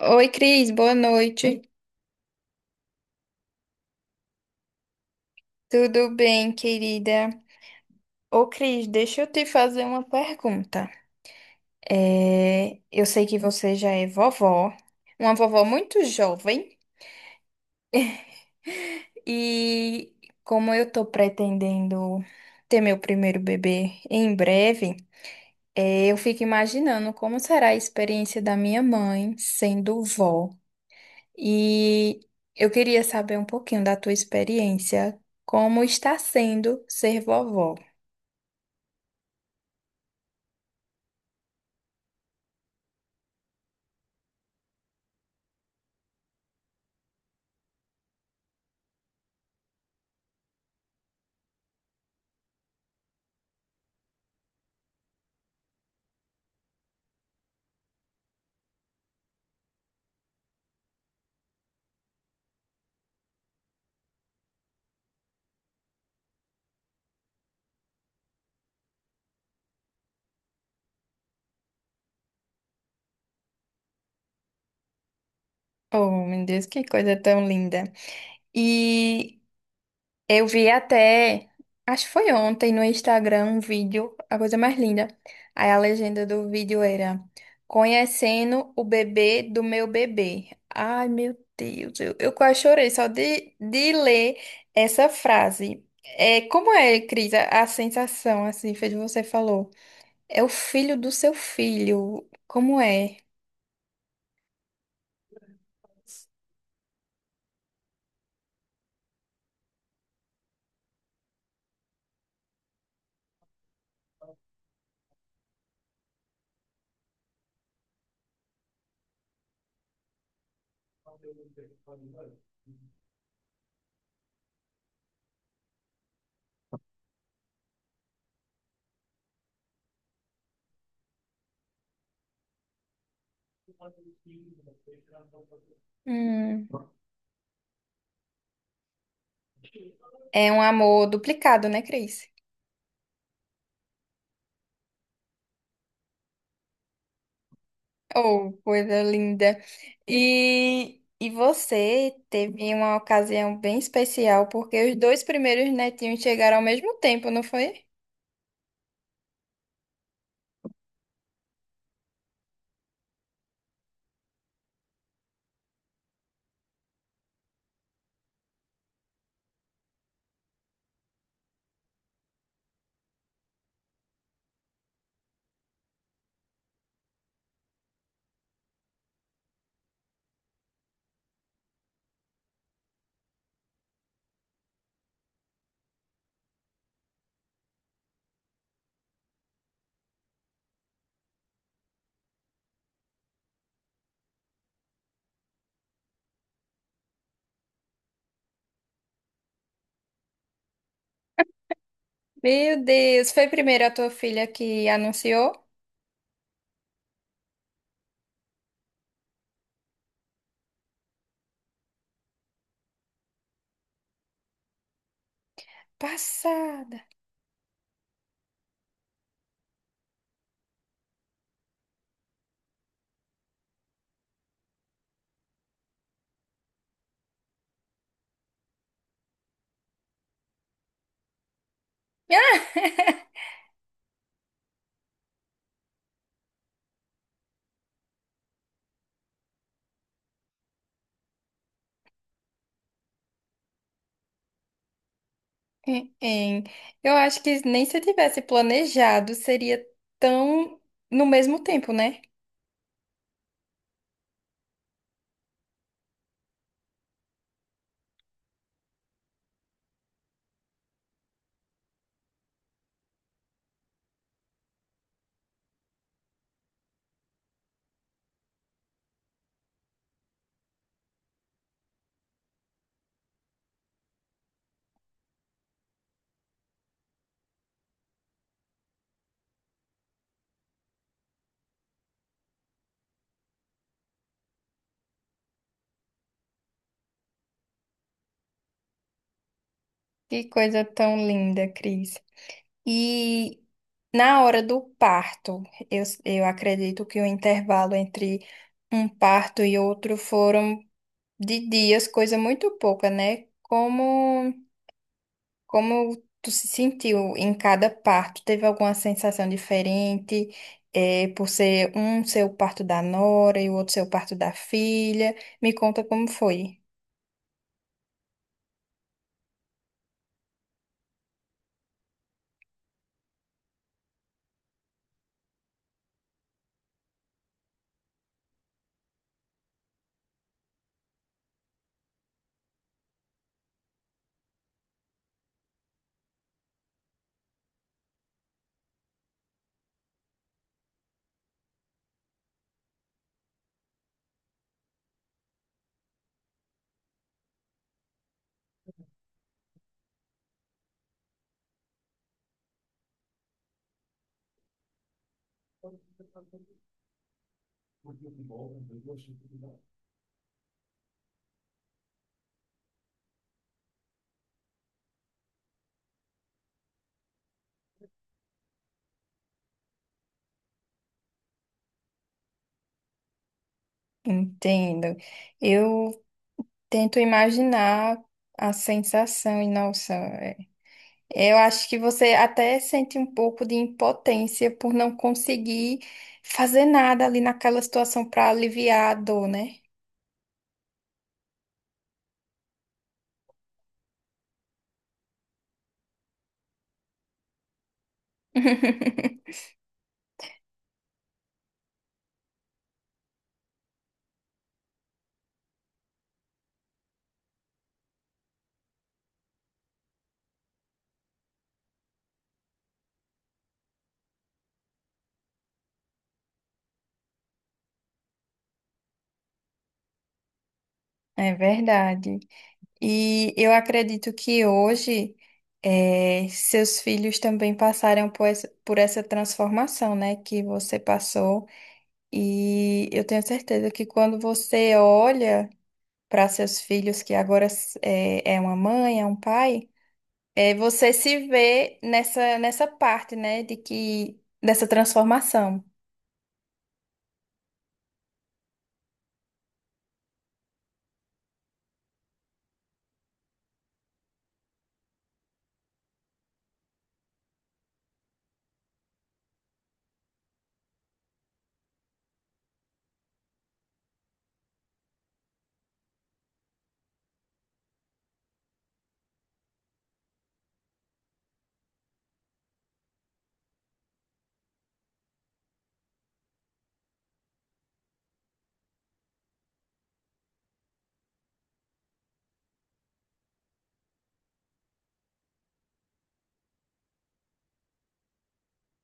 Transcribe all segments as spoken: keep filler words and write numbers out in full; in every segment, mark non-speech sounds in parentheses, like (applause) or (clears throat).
Oi, Cris, boa noite. Tudo bem, querida? Ô, Cris, deixa eu te fazer uma pergunta. É, eu sei que você já é vovó, uma vovó muito jovem, e como eu tô pretendendo ter meu primeiro bebê em breve, é, eu fico imaginando como será a experiência da minha mãe sendo vó. E eu queria saber um pouquinho da tua experiência, como está sendo ser vovó. Oh, meu Deus, que coisa tão linda. E eu vi até, acho que foi ontem no Instagram, um vídeo, a coisa mais linda. Aí a legenda do vídeo era: conhecendo o bebê do meu bebê. Ai, meu Deus, eu, eu quase chorei só de, de ler essa frase. É, como é, Cris, a, a sensação, assim, fez você falou? É o filho do seu filho. Como é? Hum, é um amor duplicado, né, Cris? Oh, coisa linda. E, e você teve uma ocasião bem especial, porque os dois primeiros netinhos chegaram ao mesmo tempo, não foi? Meu Deus, foi primeiro a tua filha que anunciou? Passada. (laughs) Ah, hein, hein. Eu acho que nem se tivesse planejado, seria tão no mesmo tempo, né? Que coisa tão linda, Cris. E na hora do parto, eu, eu acredito que o intervalo entre um parto e outro foram de dias, coisa muito pouca, né? Como, como tu se sentiu em cada parto? Teve alguma sensação diferente, eh, por ser um seu parto da nora e o outro seu parto da filha? Me conta como foi. Entendo. Eu tento imaginar a sensação e nossa. Eu acho que você até sente um pouco de impotência por não conseguir fazer nada ali naquela situação para aliviar a dor, né? (laughs) É verdade. E eu acredito que hoje eh, seus filhos também passaram por essa, por essa transformação, né, que você passou. E eu tenho certeza que quando você olha para seus filhos, que agora s- eh, é uma mãe, é um pai. É, você se vê nessa, nessa parte, né, de que dessa transformação.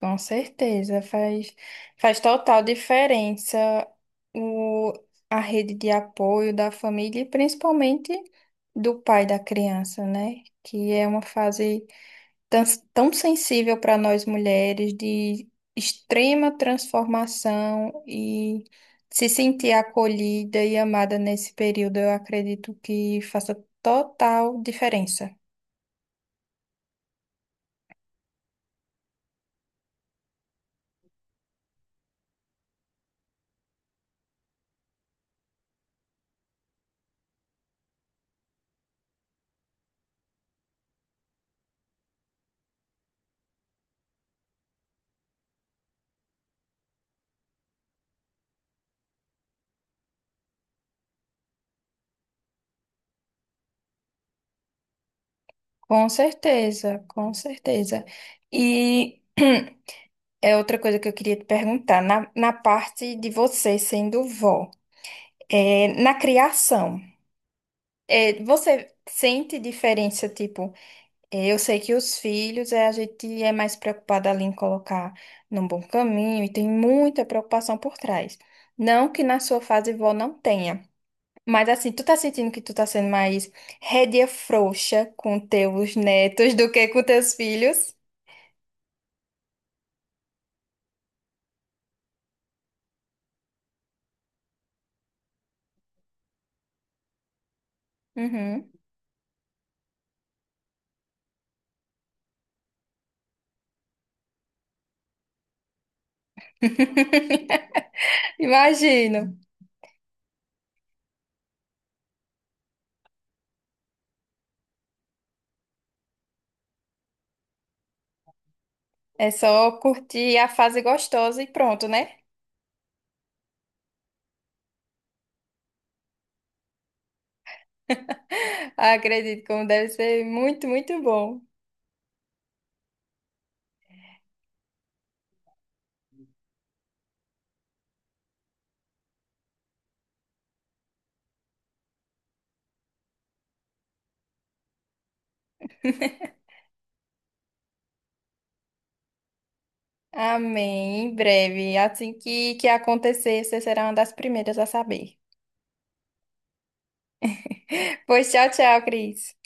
Com certeza, faz, faz total diferença o, a rede de apoio da família e principalmente do pai da criança, né? Que é uma fase tão, tão sensível para nós mulheres, de extrema transformação e se sentir acolhida e amada nesse período, eu acredito que faça total diferença. Com certeza, com certeza. E (clears throat) é outra coisa que eu queria te perguntar, na, na parte de você sendo vó, é, na criação, é, você sente diferença, tipo, é, eu sei que os filhos, é, a gente é mais preocupada ali em colocar num bom caminho e tem muita preocupação por trás. Não que na sua fase vó não tenha, mas assim, tu tá sentindo que tu tá sendo mais rédea frouxa com teus netos do que com teus filhos? Uhum. Imagino. É só curtir a fase gostosa e pronto, né? Acredito como deve ser muito, muito bom. Amém. Em breve, assim que, que acontecer, você será uma das primeiras a saber. Pois tchau, tchau, Cris.